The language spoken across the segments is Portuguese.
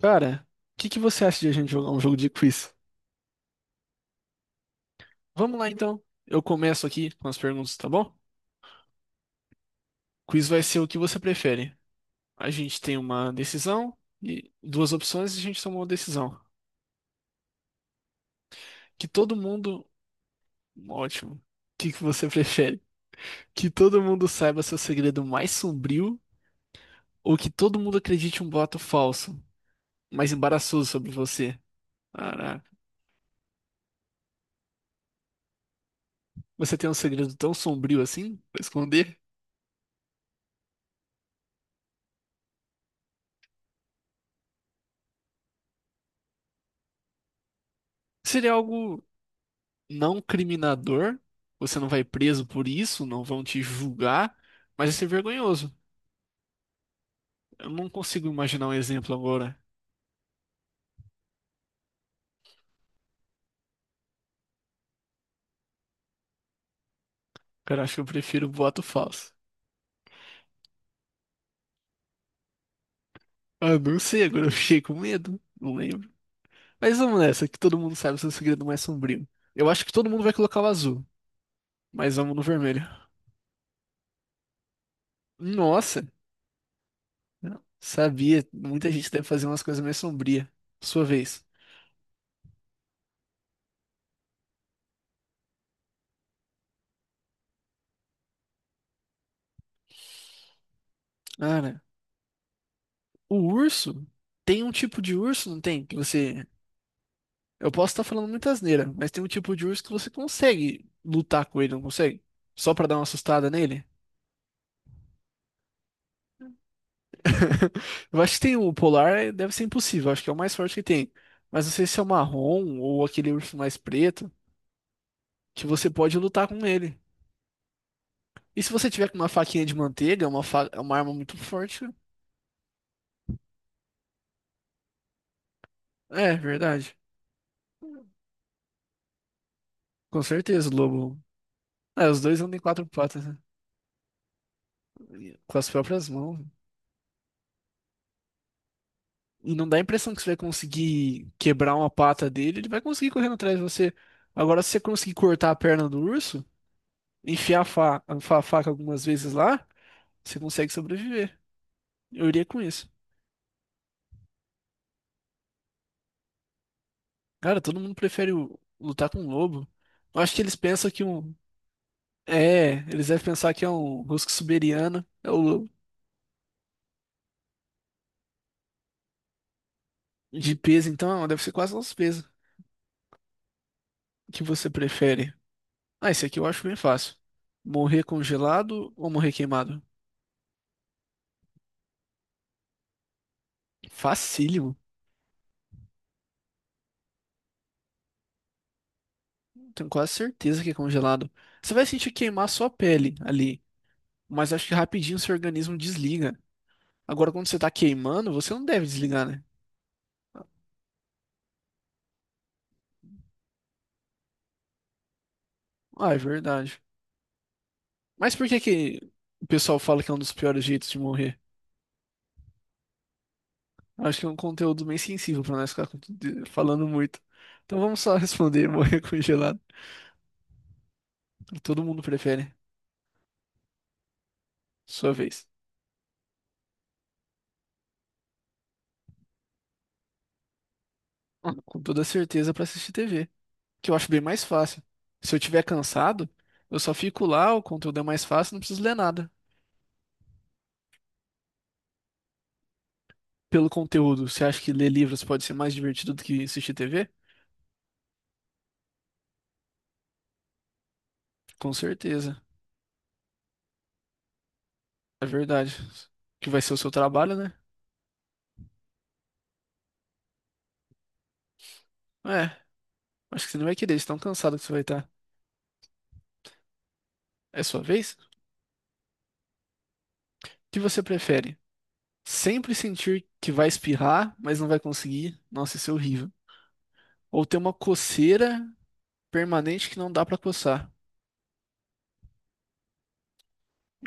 Cara, o que que você acha de a gente jogar um jogo de quiz? Vamos lá então. Eu começo aqui com as perguntas, tá bom? Quiz vai ser o que você prefere. A gente tem uma decisão e duas opções e a gente toma uma decisão. Que todo mundo. Ótimo. O que que você prefere? Que todo mundo saiba seu segredo mais sombrio ou que todo mundo acredite um boato falso, mais embaraçoso sobre você? Caraca. Você tem um segredo tão sombrio assim pra esconder? Seria algo não criminador, você não vai preso por isso, não vão te julgar, mas isso é vergonhoso. Eu não consigo imaginar um exemplo agora. Cara, acho que eu prefiro boato falso. Ah, não sei, agora eu fiquei com medo, não lembro. Mas vamos nessa, que todo mundo sabe o seu segredo mais sombrio. Eu acho que todo mundo vai colocar o azul, mas vamos no vermelho. Nossa, não sabia, muita gente deve fazer umas coisas mais sombrias. Sua vez. Cara, o urso, tem um tipo de urso, não tem? Que você Eu posso estar falando muita asneira, mas tem um tipo de urso que você consegue lutar com ele, não consegue? Só pra dar uma assustada nele? Eu acho que tem o polar, deve ser impossível, acho que é o mais forte que tem. Mas não sei se é o marrom ou aquele urso mais preto, que você pode lutar com ele. E se você tiver com uma faquinha de manteiga, uma arma muito forte. É, verdade. Com certeza, o lobo. É, os dois andam em quatro patas, né? Com as próprias mãos. E não dá a impressão que você vai conseguir quebrar uma pata dele, ele vai conseguir correndo atrás de você. Agora, se você conseguir cortar a perna do urso, enfiar a faca algumas vezes lá, você consegue sobreviver. Eu iria com isso. Cara, todo mundo prefere lutar com um lobo. Eu acho que eles pensam que um. É, eles devem pensar que é um husky siberiano, é o lobo. De peso, então, deve ser quase nosso peso. O que você prefere? Ah, esse aqui eu acho bem fácil. Morrer congelado ou morrer queimado? Facílimo. Tenho quase certeza que é congelado. Você vai sentir queimar sua pele ali, mas acho que rapidinho seu organismo desliga. Agora, quando você tá queimando, você não deve desligar, né? Ah, é verdade. Mas por que que o pessoal fala que é um dos piores jeitos de morrer? Acho que é um conteúdo bem sensível pra nós ficar falando muito. Então vamos só responder, morrer congelado. Todo mundo prefere. Sua vez. Ah, com toda certeza pra assistir TV, que eu acho bem mais fácil. Se eu tiver cansado, eu só fico lá, o conteúdo é mais fácil, não preciso ler nada. Pelo conteúdo, você acha que ler livros pode ser mais divertido do que assistir TV? Com certeza, é verdade. Que vai ser o seu trabalho, né? É, acho que você não vai querer, de tão cansado que você vai estar. É sua vez? O que você prefere? Sempre sentir que vai espirrar, mas não vai conseguir? Nossa, isso é horrível. Ou ter uma coceira permanente que não dá pra coçar?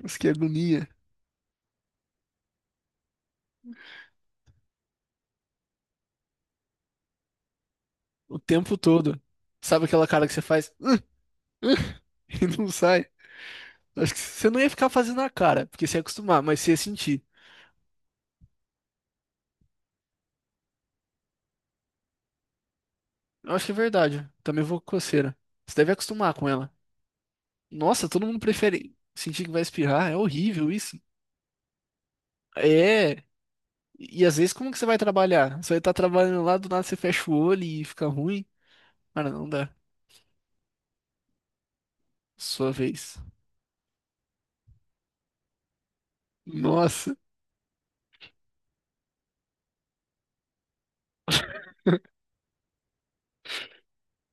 Nossa, que agonia. O tempo todo. Sabe aquela cara que você faz e não sai? Acho que você não ia ficar fazendo a cara, porque você ia acostumar, mas você ia sentir. Eu acho que é verdade. Também vou com coceira. Você deve acostumar com ela. Nossa, todo mundo prefere sentir que vai espirrar. É horrível isso. É. E às vezes, como que você vai trabalhar? Você vai estar trabalhando lá, do nada você fecha o olho e fica ruim. Cara, não dá. Sua vez. Nossa.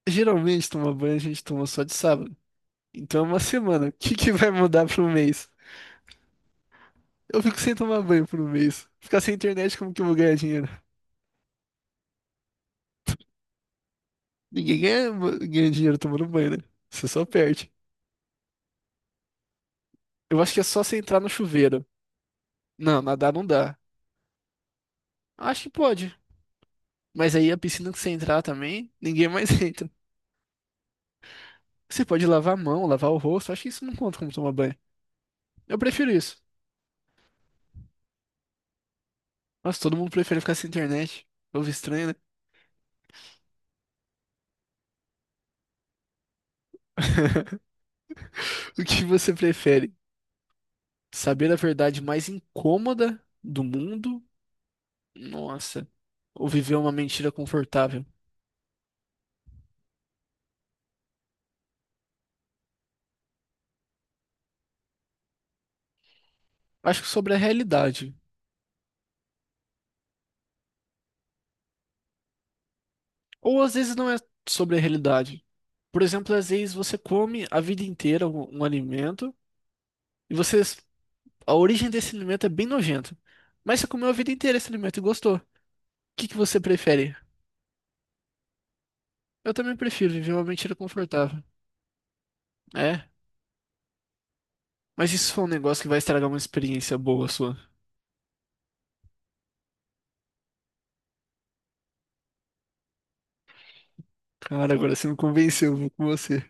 Geralmente, tomar banho a gente toma só de sábado. Então é uma semana. O que que vai mudar pro mês? Eu fico sem tomar banho por um mês. Ficar sem internet, como que eu vou ganhar dinheiro? Ninguém ganha, ganha dinheiro tomando banho, né? Você só perde. Eu acho que é só você entrar no chuveiro. Não, nadar não dá. Acho que pode. Mas aí a piscina que você entrar também, ninguém mais entra. Você pode lavar a mão, lavar o rosto. Acho que isso não conta como tomar banho. Eu prefiro isso. Nossa, todo mundo prefere ficar sem internet. Povo estranho, né? O que você prefere? Saber a verdade mais incômoda do mundo? Nossa. Ou viver uma mentira confortável? Acho que sobre a realidade. Ou às vezes não é sobre a realidade. Por exemplo, às vezes você come a vida inteira um alimento e você A origem desse alimento é bem nojenta. Mas você comeu a vida inteira esse alimento e gostou. O que que você prefere? Eu também prefiro viver uma mentira confortável. É, mas isso foi um negócio que vai estragar uma experiência boa sua. Cara, agora você me convenceu, vou com você.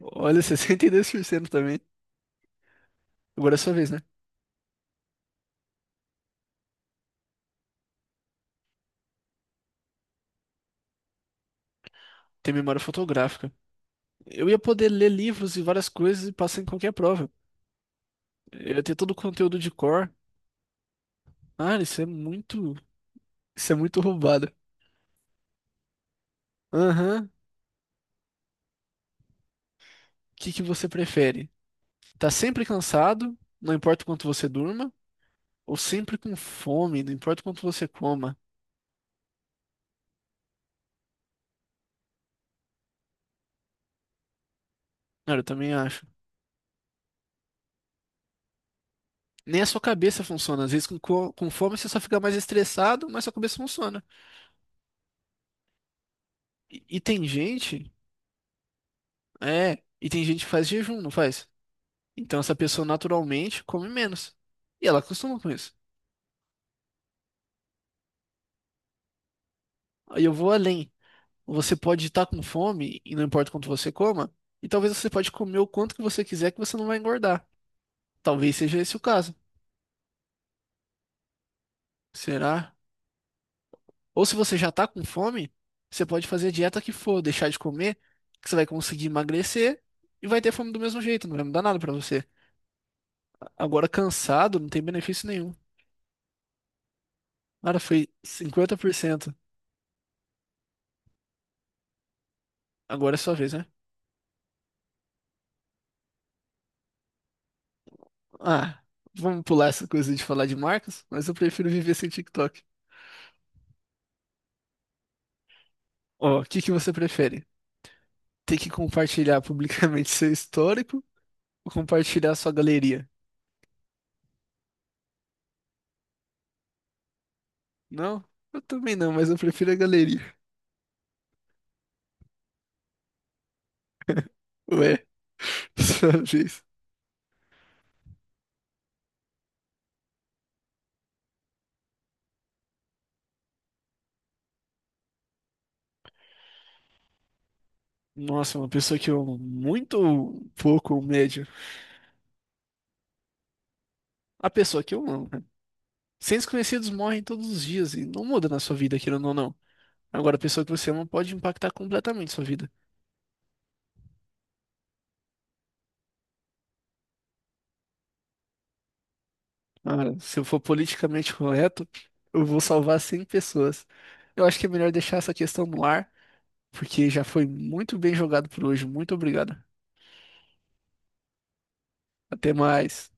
Olha, 62% também. Agora é sua vez, né? Tem memória fotográfica. Eu ia poder ler livros e várias coisas e passar em qualquer prova. Eu ia ter todo o conteúdo de cor. Ah, isso é muito. Isso é muito roubado. Aham. O que que você prefere? Tá sempre cansado, não importa o quanto você durma, ou sempre com fome, não importa o quanto você coma. Cara, eu também acho. Nem a sua cabeça funciona. Às vezes com fome você só fica mais estressado, mas sua cabeça funciona. E, e tem gente, e tem gente que faz jejum, não faz? Então essa pessoa naturalmente come menos. E ela acostuma com isso. Aí eu vou além. Você pode estar com fome, e não importa o quanto você coma, e talvez você pode comer o quanto que você quiser que você não vai engordar. Talvez seja esse o caso. Será? Ou se você já tá com fome, você pode fazer a dieta que for, deixar de comer, que você vai conseguir emagrecer e vai ter fome do mesmo jeito, não vai mudar nada pra você. Agora cansado, não tem benefício nenhum. Cara, foi 50%. Agora é sua vez, né? Ah, vamos pular essa coisa de falar de marcas, mas eu prefiro viver sem TikTok. Ó, o que que você prefere? Ter que compartilhar publicamente seu histórico ou compartilhar sua galeria? Não? Eu também não, mas eu prefiro a galeria. Ué, sua vez. Nossa, uma pessoa que eu amo muito pouco ou médio. A pessoa que eu amo, né? Seres conhecidos morrem todos os dias e não muda na sua vida, querendo ou não. Agora, a pessoa que você ama pode impactar completamente sua vida. Cara, se eu for politicamente correto, eu vou salvar 100 pessoas. Eu acho que é melhor deixar essa questão no ar, porque já foi muito bem jogado por hoje. Muito obrigado. Até mais.